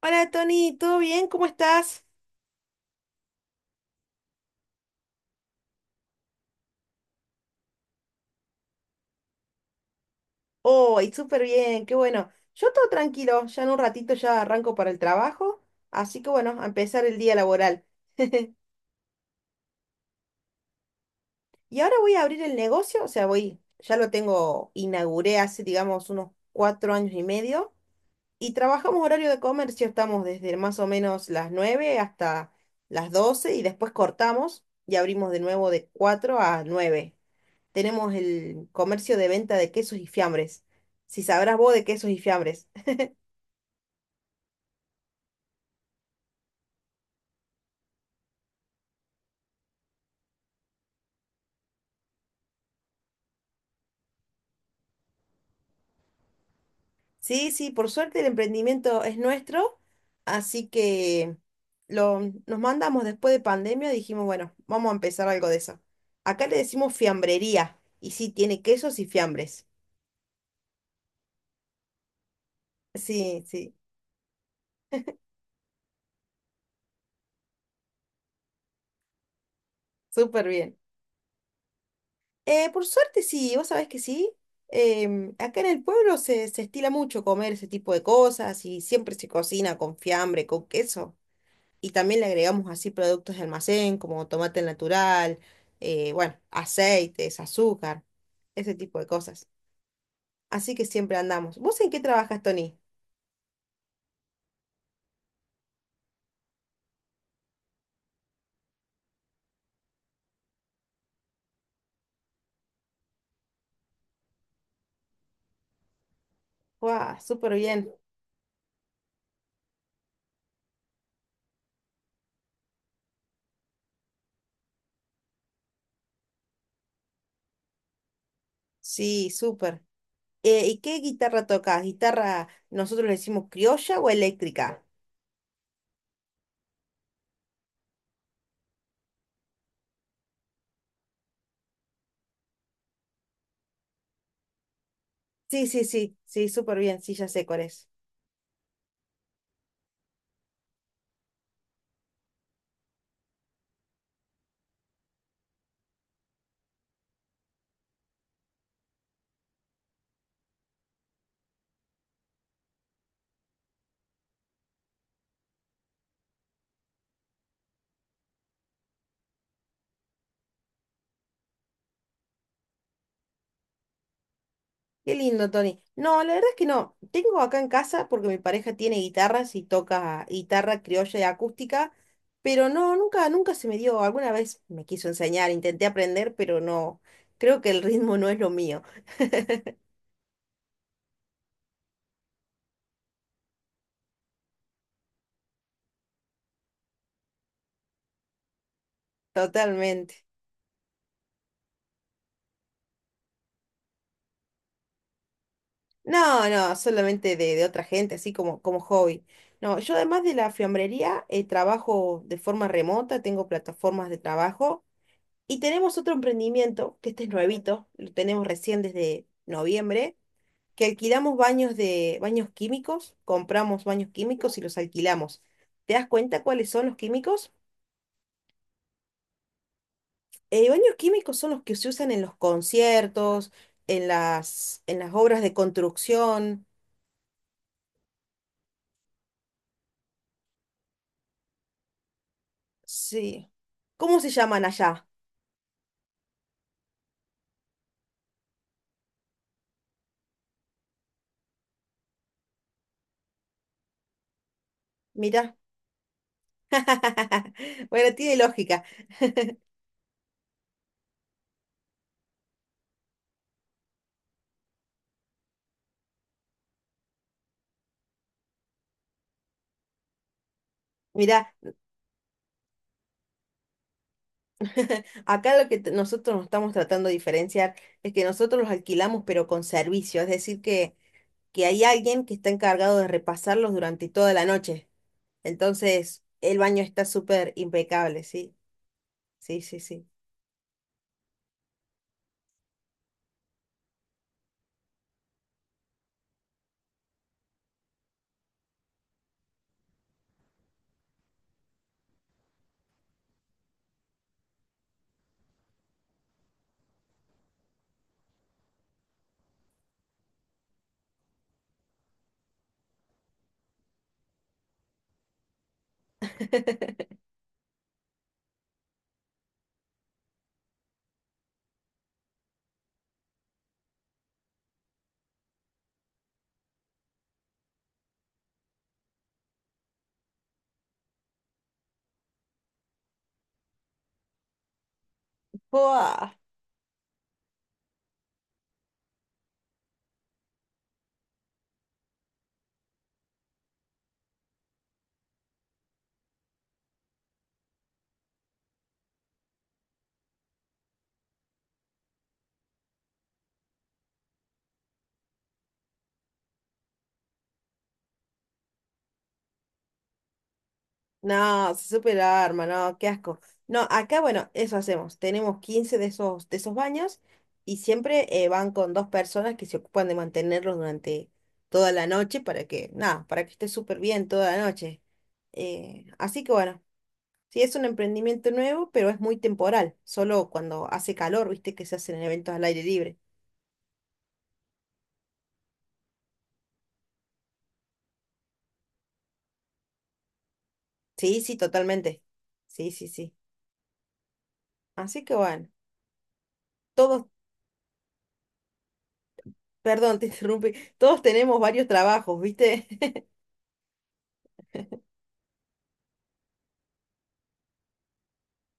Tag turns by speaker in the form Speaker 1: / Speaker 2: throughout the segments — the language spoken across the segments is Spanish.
Speaker 1: Hola Tony, ¿todo bien? ¿Cómo estás? Hoy, súper bien, qué bueno. Yo todo tranquilo, ya en un ratito ya arranco para el trabajo, así que bueno, a empezar el día laboral. Y ahora voy a abrir el negocio, o sea, voy, ya lo tengo, inauguré hace, digamos, unos 4 años y medio, y trabajamos horario de comercio, estamos desde más o menos las 9 hasta las 12 y después cortamos y abrimos de nuevo de 4 a 9. Tenemos el comercio de venta de quesos y fiambres. Si sabrás vos de quesos y fiambres. Sí, sí, por suerte el emprendimiento es nuestro, así que lo, nos mandamos después de pandemia, dijimos, bueno, vamos a empezar algo de eso. Acá le decimos fiambrería, y sí, tiene quesos y fiambres. Sí, sí, súper bien. Por suerte sí, vos sabés que sí. Acá en el pueblo se estila mucho comer ese tipo de cosas y siempre se cocina con fiambre, con queso. Y también le agregamos así productos de almacén como tomate natural, bueno, aceites, azúcar, ese tipo de cosas. Así que siempre andamos. ¿Vos en qué trabajas, Tony? ¡Guau! Súper bien. Sí, súper. ¿Y qué guitarra tocas? ¿Guitarra, nosotros le decimos criolla o eléctrica? Sí, sí, sí, sí, súper bien, sí, ya sé cuál es. Qué lindo, Tony. No, la verdad es que no. Tengo acá en casa porque mi pareja tiene guitarras y toca guitarra criolla y acústica, pero no, nunca, nunca se me dio. Alguna vez me quiso enseñar, intenté aprender, pero no. Creo que el ritmo no es lo mío. Totalmente. No, no, solamente de otra gente, así como hobby. No, yo además de la fiambrería, trabajo de forma remota, tengo plataformas de trabajo y tenemos otro emprendimiento, que este es nuevito, lo tenemos recién desde noviembre que alquilamos baños químicos, compramos baños químicos y los alquilamos. ¿Te das cuenta cuáles son los químicos? Baños químicos son los que se usan en los conciertos, en las obras de construcción. Sí. ¿Cómo se llaman allá? Mira. Bueno, tiene lógica. Mira, acá lo que nosotros nos estamos tratando de diferenciar es que nosotros los alquilamos pero con servicio, es decir que hay alguien que está encargado de repasarlos durante toda la noche. Entonces, el baño está súper impecable, sí, sí, sí, sí. ¡Buah! No, se súper arma, no, qué asco. No, acá, bueno, eso hacemos. Tenemos 15 de esos baños y siempre van con dos personas que se ocupan de mantenerlos durante toda la noche para que, nada, para que esté súper bien toda la noche. Así que bueno, sí, es un emprendimiento nuevo, pero es muy temporal. Solo cuando hace calor, viste, que se hacen eventos al aire libre. Sí, sí, totalmente. Sí, sí, sí. Así que bueno, todos, perdón, te interrumpí, todos tenemos varios trabajos, ¿viste?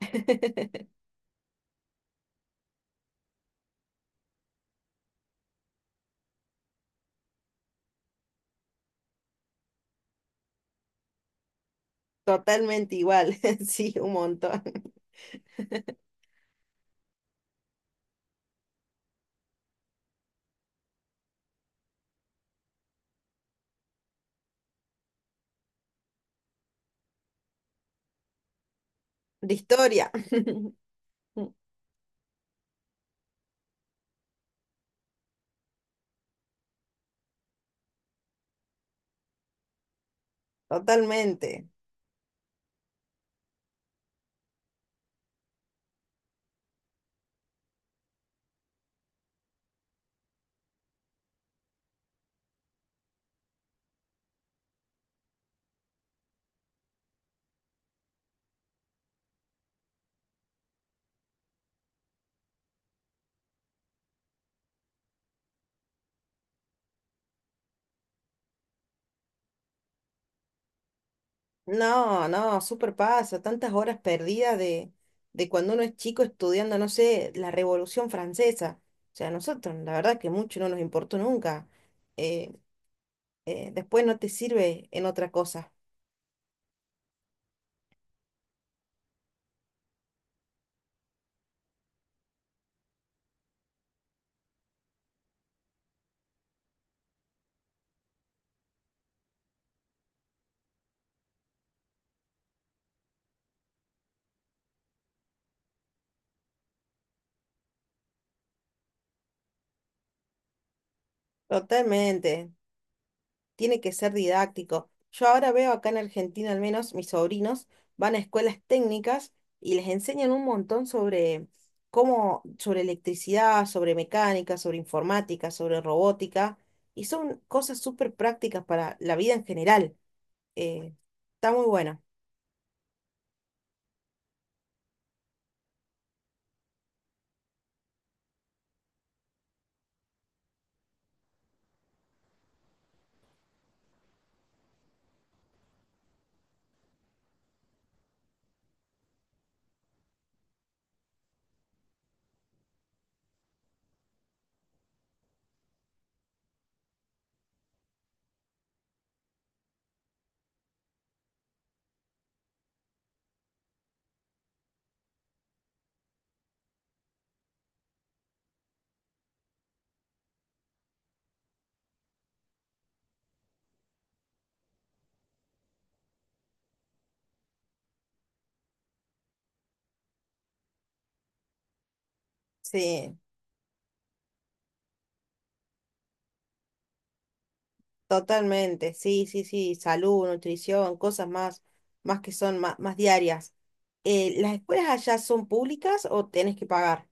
Speaker 1: Totalmente igual, sí, un montón. De historia, totalmente. No, no, súper pasa, tantas horas perdidas de cuando uno es chico estudiando, no sé, la Revolución Francesa. O sea, a nosotros, la verdad que mucho no nos importó nunca. eh. Después no te sirve en otra cosa. Totalmente, tiene que ser didáctico. Yo ahora veo acá en Argentina al menos, mis sobrinos van a escuelas técnicas y les enseñan un montón sobre cómo, sobre electricidad, sobre mecánica, sobre informática, sobre robótica, y son cosas súper prácticas para la vida en general. Eh, Está muy bueno. Sí. Totalmente, sí, sí, sí, salud, nutrición, cosas más que son más diarias. ¿Las escuelas allá son públicas o tenés que pagar?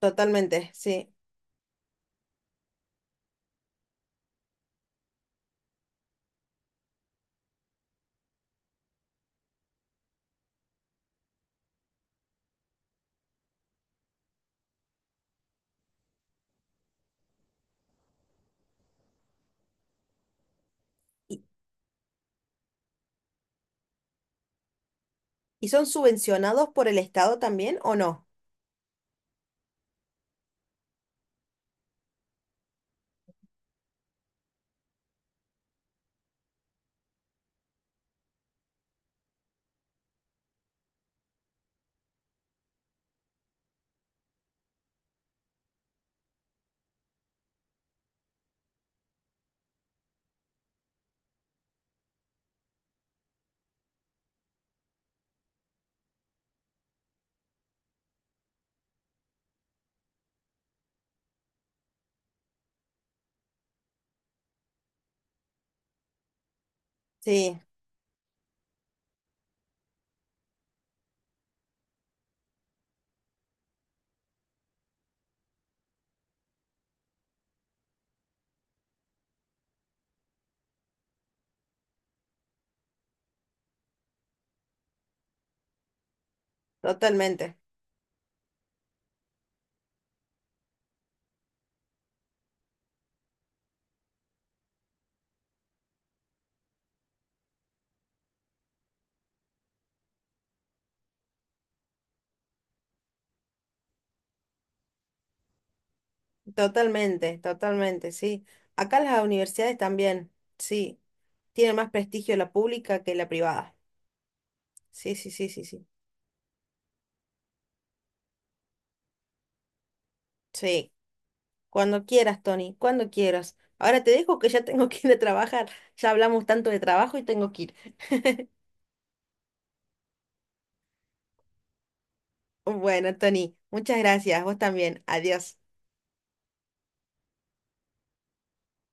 Speaker 1: Totalmente, sí. ¿Y, y son subvencionados por el Estado también o no? Sí, totalmente, totalmente, totalmente, sí. Acá las universidades también, sí, tienen más prestigio la pública que la privada. Sí, sí, sí, sí, sí. Sí. Cuando quieras, Tony, cuando quieras. Ahora te dejo que ya tengo que ir a trabajar. Ya hablamos tanto de trabajo y tengo que ir. Bueno, Tony, muchas gracias. Vos también. Adiós.